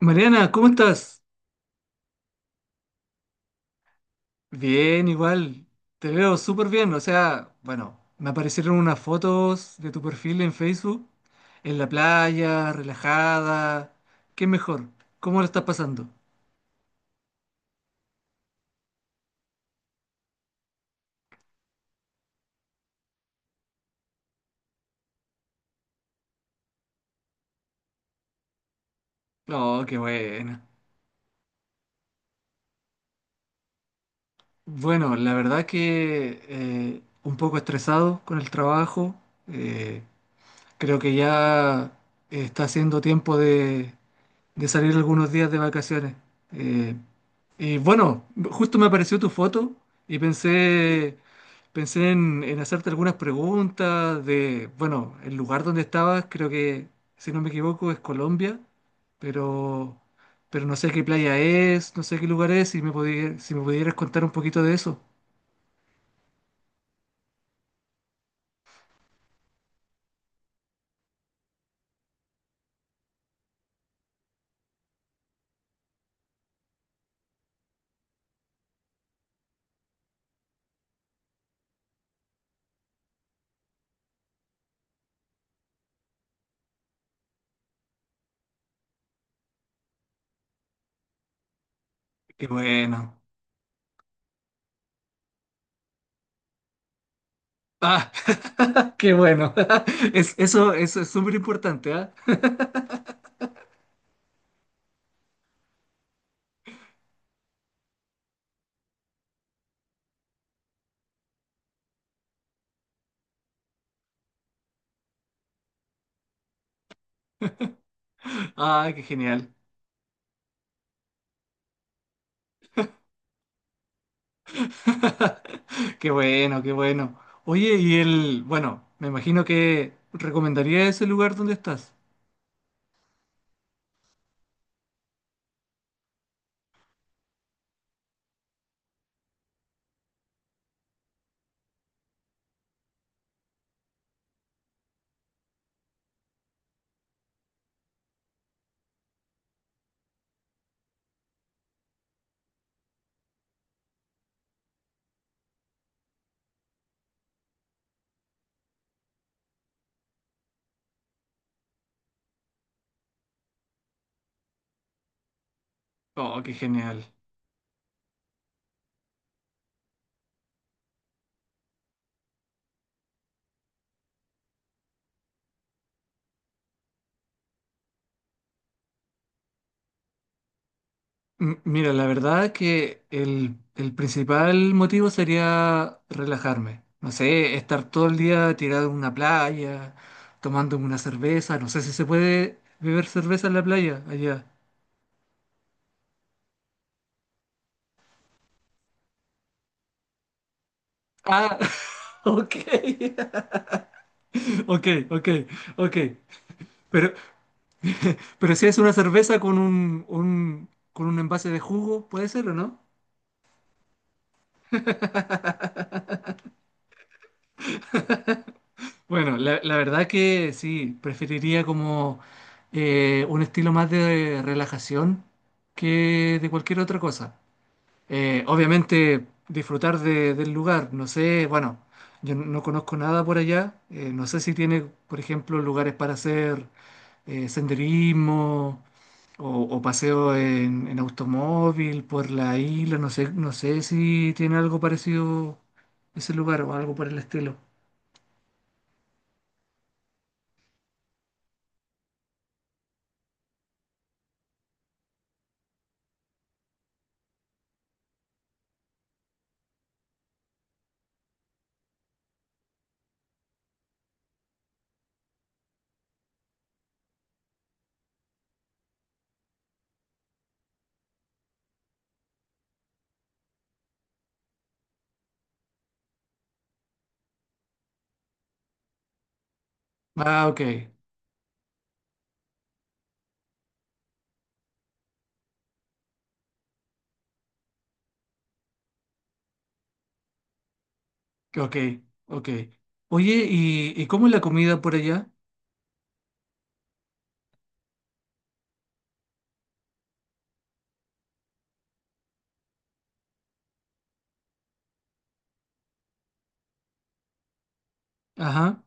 Mariana, ¿cómo estás? Bien, igual. Te veo súper bien. O sea, bueno, me aparecieron unas fotos de tu perfil en Facebook, en la playa, relajada. ¿Qué mejor? ¿Cómo lo estás pasando? Oh, qué buena. Bueno, la verdad que un poco estresado con el trabajo. eh, Creo que ya está haciendo tiempo de salir algunos días de vacaciones. Eh, y bueno, justo me apareció tu foto y pensé, pensé en hacerte algunas preguntas de, bueno, el lugar donde estabas, creo que, si no me equivoco, es Colombia, pero, pero no sé qué playa es, no sé qué lugar es, y si me pudieras contar un poquito de eso. Qué bueno. Ah, qué bueno. Es, eso es súper importante, ¿ah? Ah, qué genial. Qué bueno, qué bueno. Oye, y el, bueno, me imagino que recomendaría ese lugar donde estás. Oh, qué genial. Mira, la verdad que el principal motivo sería relajarme. No sé, estar todo el día tirado en una playa, tomando una cerveza. No sé si se puede beber cerveza en la playa allá. Ah, ok. Ok, ok, ok. Pero, pero si es una cerveza con un, con un envase de jugo, ¿puede ser o no? Bueno, la verdad que sí, preferiría como un estilo más de relajación que de cualquier otra cosa. Obviamente disfrutar del lugar, no sé, bueno, yo no conozco nada por allá, no sé si tiene, por ejemplo, lugares para hacer senderismo o paseo en automóvil por la isla. No sé, no sé si tiene algo parecido ese lugar o algo por el estilo. Ah, ok, ok, ok. Oye, ¿y cómo es la comida por allá? Ajá.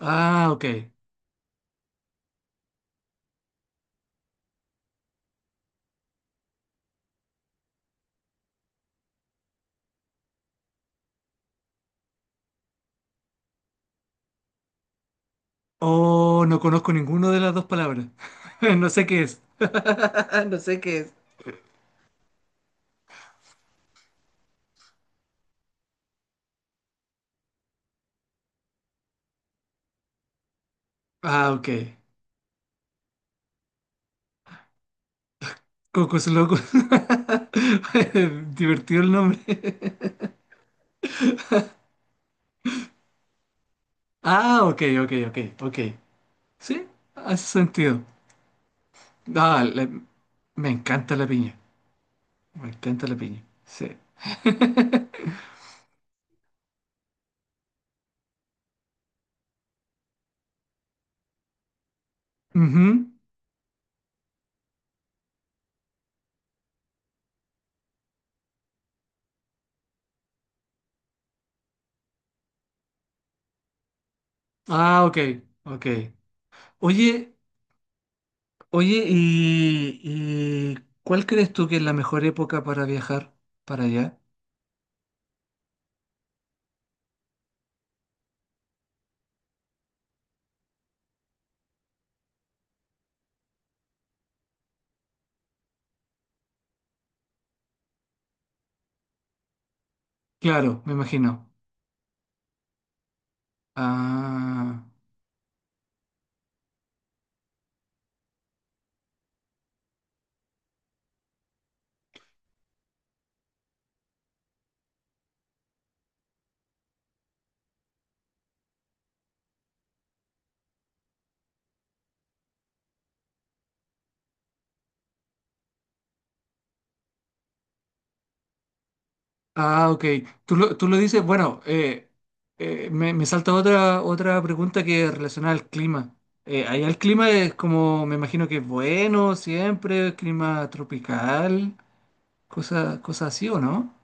Ah, ok. Oh, no conozco ninguna de las dos palabras. No sé qué es. No sé qué es. Ah, ok. Cocos locos. Divertido el nombre. Ah, ok, ok, ok, ok. Sí, hace sentido. Ah, la- me encanta la piña. Me encanta la piña. Sí. Ujú. Ah, ok, ok. Oye, oye, ¿y cuál crees tú que es la mejor época para viajar para allá? Claro, me imagino. Ah. Ah, ok. Tú lo dices, bueno, me, me salta otra, otra pregunta que es relacionada al clima. Allá el clima es como, me imagino que es bueno siempre, clima tropical, cosas cosas así, ¿o no?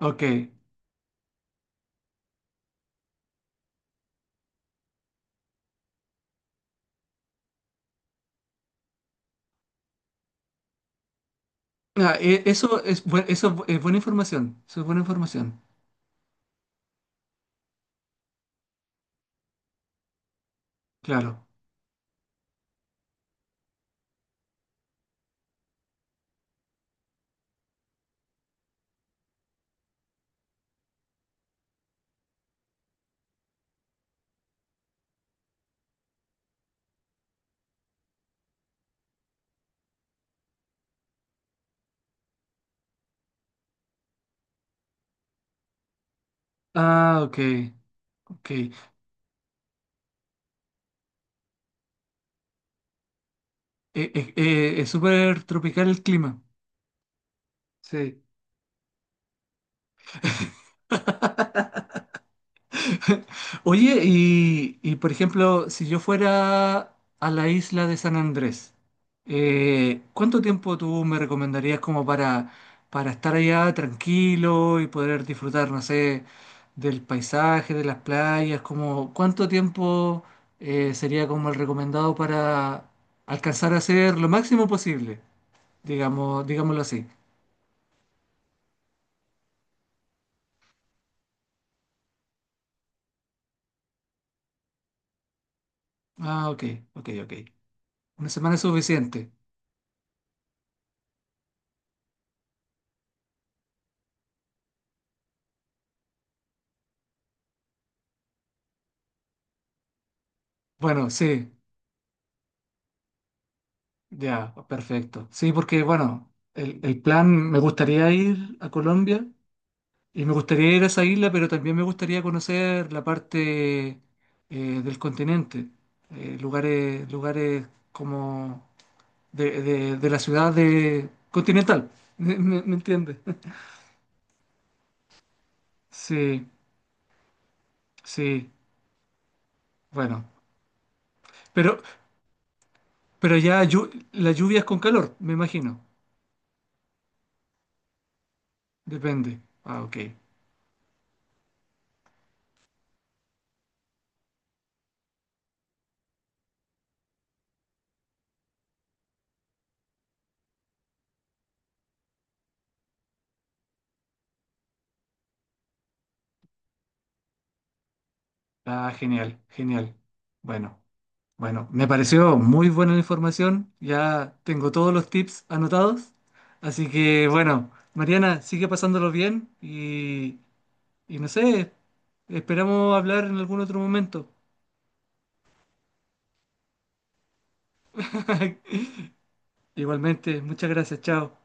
Ok. Ah, eso es, eso es es buena información, eso es buena información, claro. Ah, ok, ok. Es súper tropical el clima. Sí. Oye, y, por ejemplo, si yo fuera a la isla de San Andrés, ¿cuánto tiempo tú me recomendarías como para estar allá tranquilo y poder disfrutar, no sé, del paisaje, de las playas? Como, ¿cuánto tiempo sería como el recomendado para alcanzar a hacer lo máximo posible? Digamos, digámoslo así. Ah, ok, ok, ok. Una semana es suficiente. Bueno, sí. Ya, perfecto. Sí, porque bueno, el plan, me gustaría ir a Colombia y me gustaría ir a esa isla, pero también me gustaría conocer la parte del continente, lugares, lugares como de, de la ciudad de continental, ¿me, me entiendes? Sí, sí, bueno. Pero, pero ya la lluvia es con calor, me imagino. Depende. Ah, ok. Ah, genial, genial. Bueno. Bueno, me pareció muy buena la información, ya tengo todos los tips anotados, así que bueno, Mariana, sigue pasándolo bien y no sé, esperamos hablar en algún otro momento. Igualmente, muchas gracias, chao.